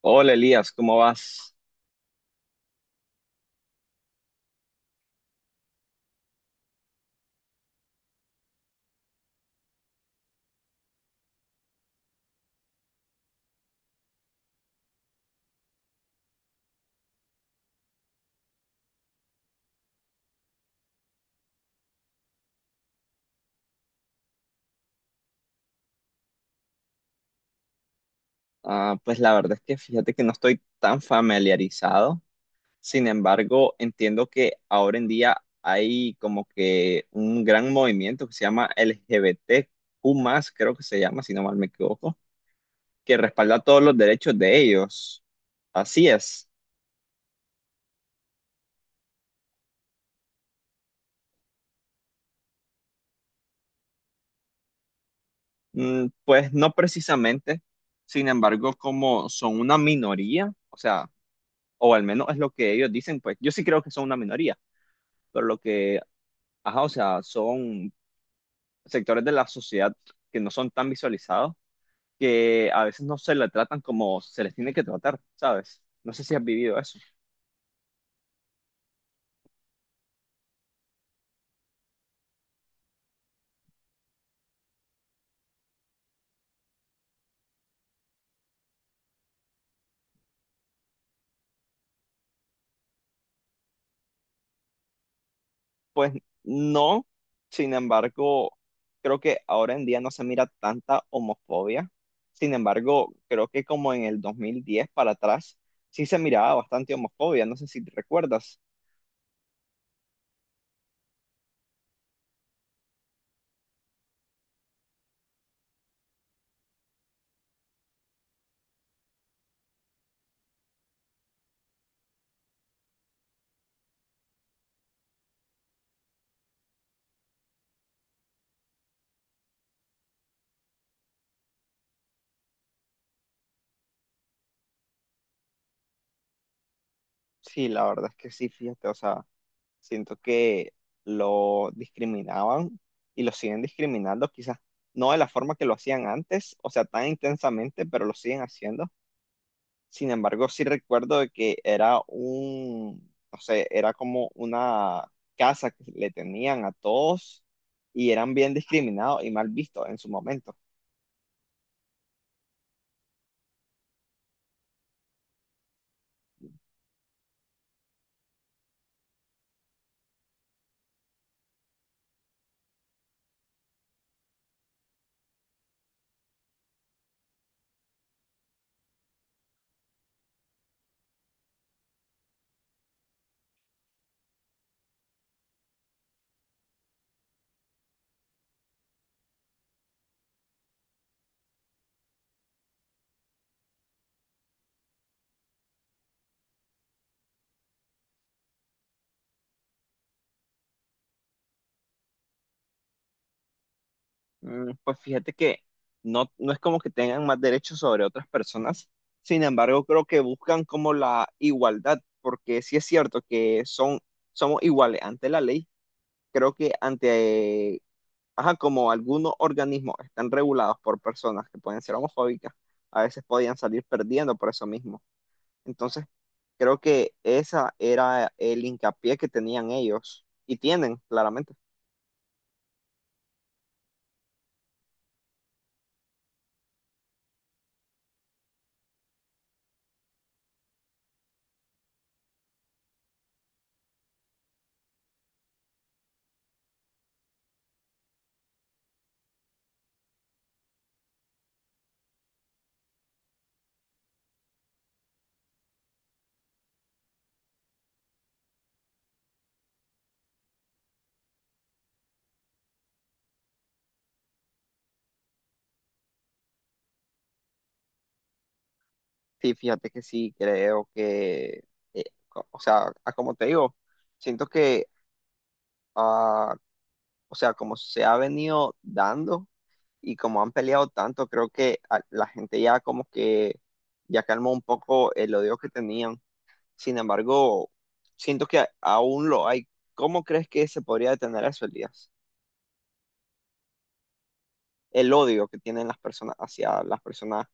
Hola Elías, ¿cómo vas? Ah, pues la verdad es que fíjate que no estoy tan familiarizado, sin embargo entiendo que ahora en día hay como que un gran movimiento que se llama LGBTQ+, creo que se llama, si no mal me equivoco, que respalda todos los derechos de ellos. Así es. Mm, pues no precisamente, sin embargo, como son una minoría, o sea, o al menos es lo que ellos dicen, pues yo sí creo que son una minoría, pero lo que... Ajá, o sea, son sectores de la sociedad que no son tan visualizados, que a veces no se le tratan como se les tiene que tratar, ¿sabes? No sé si has vivido eso. Pues no, sin embargo, creo que ahora en día no se mira tanta homofobia. Sin embargo, creo que como en el 2010 para atrás, sí se miraba bastante homofobia, no sé si te recuerdas. Sí, la verdad es que sí, fíjate, o sea, siento que lo discriminaban y lo siguen discriminando, quizás no de la forma que lo hacían antes, o sea, tan intensamente, pero lo siguen haciendo. Sin embargo, sí recuerdo de que era un, no sé, era como una casa que le tenían a todos y eran bien discriminados y mal vistos en su momento. Pues fíjate que no, no es como que tengan más derechos sobre otras personas, sin embargo, creo que buscan como la igualdad, porque sí es cierto que son, somos iguales ante la ley, creo que ante, ajá, como algunos organismos están regulados por personas que pueden ser homofóbicas, a veces podían salir perdiendo por eso mismo. Entonces, creo que esa era el hincapié que tenían ellos y tienen, claramente. Sí, fíjate que sí, creo que, eh, co- o sea, a- como te digo, siento que, ah, o sea, como se ha venido dando y como han peleado tanto, creo que a- la gente ya como que ya calmó un poco el odio que tenían. Sin embargo, siento que a- aún lo hay. ¿Cómo crees que se podría detener eso, Elías? El odio que tienen las personas hacia las personas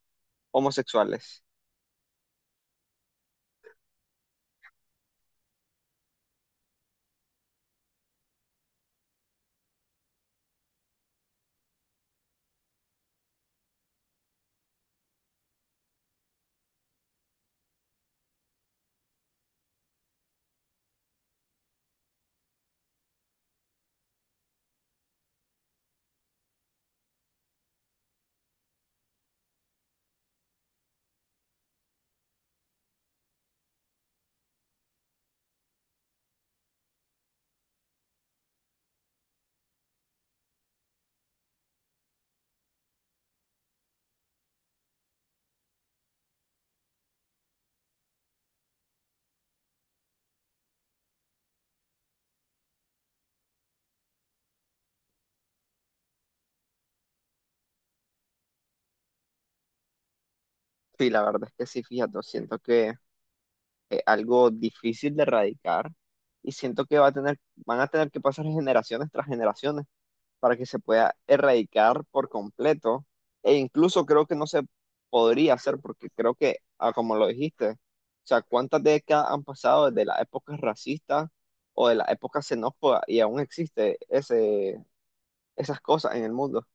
homosexuales. Sí, la verdad es que sí, fíjate, siento que... algo difícil de erradicar y siento que va a tener, van a tener que pasar generaciones tras generaciones para que se pueda erradicar por completo e incluso creo que no se podría hacer porque creo que, como lo dijiste, o sea, ¿cuántas décadas han pasado desde las épocas racistas o de las épocas xenófobas y aún existe ese, esas cosas en el mundo?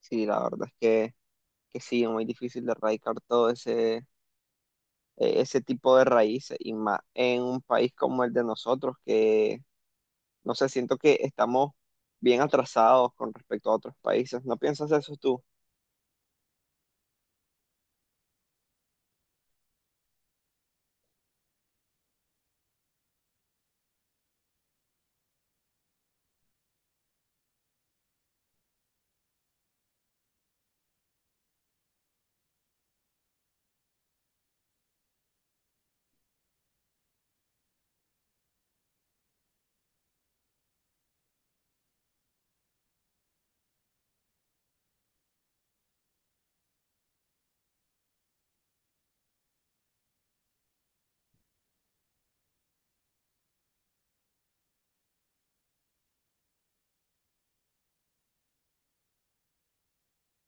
Sí, la verdad es que sí, es muy difícil de erradicar todo ese ese tipo de raíces y más en un país como el de nosotros, que no sé, siento que estamos bien atrasados con respecto a otros países. ¿No piensas eso tú?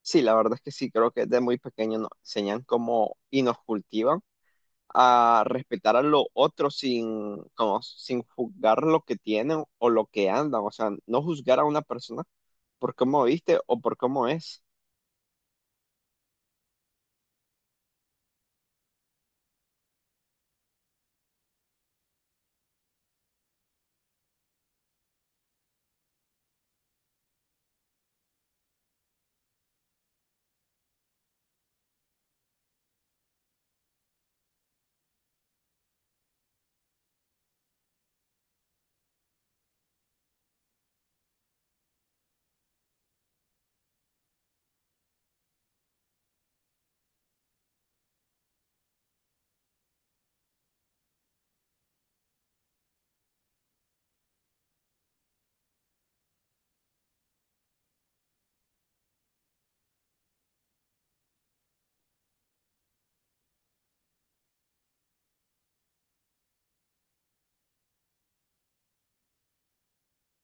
Sí, la verdad es que sí, creo que desde muy pequeño nos enseñan cómo y nos cultivan a respetar a los otros sin, como, sin juzgar lo que tienen o lo que andan, o sea, no juzgar a una persona por cómo viste o por cómo es.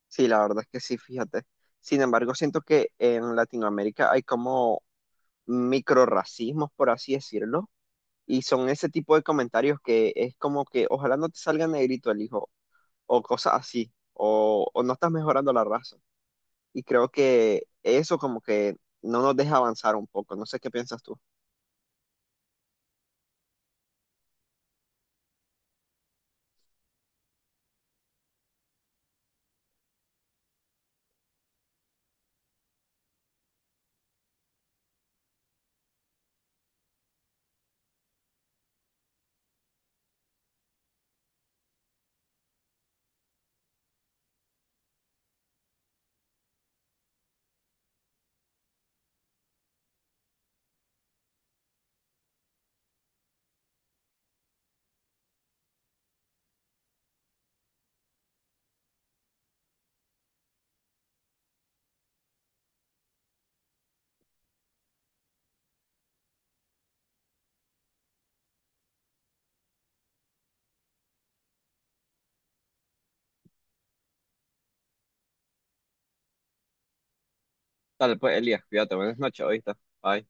Sí, la verdad es que sí, fíjate. Sin embargo, siento que en Latinoamérica hay como microrracismos, por así decirlo, y son ese tipo de comentarios que es como que ojalá no te salga negrito el hijo, o cosas así, o no estás mejorando la raza. Y creo que eso como que no nos deja avanzar un poco. No sé qué piensas tú. Dale, pues, Elías, cuídate, buenas noches, ahorita. Bye.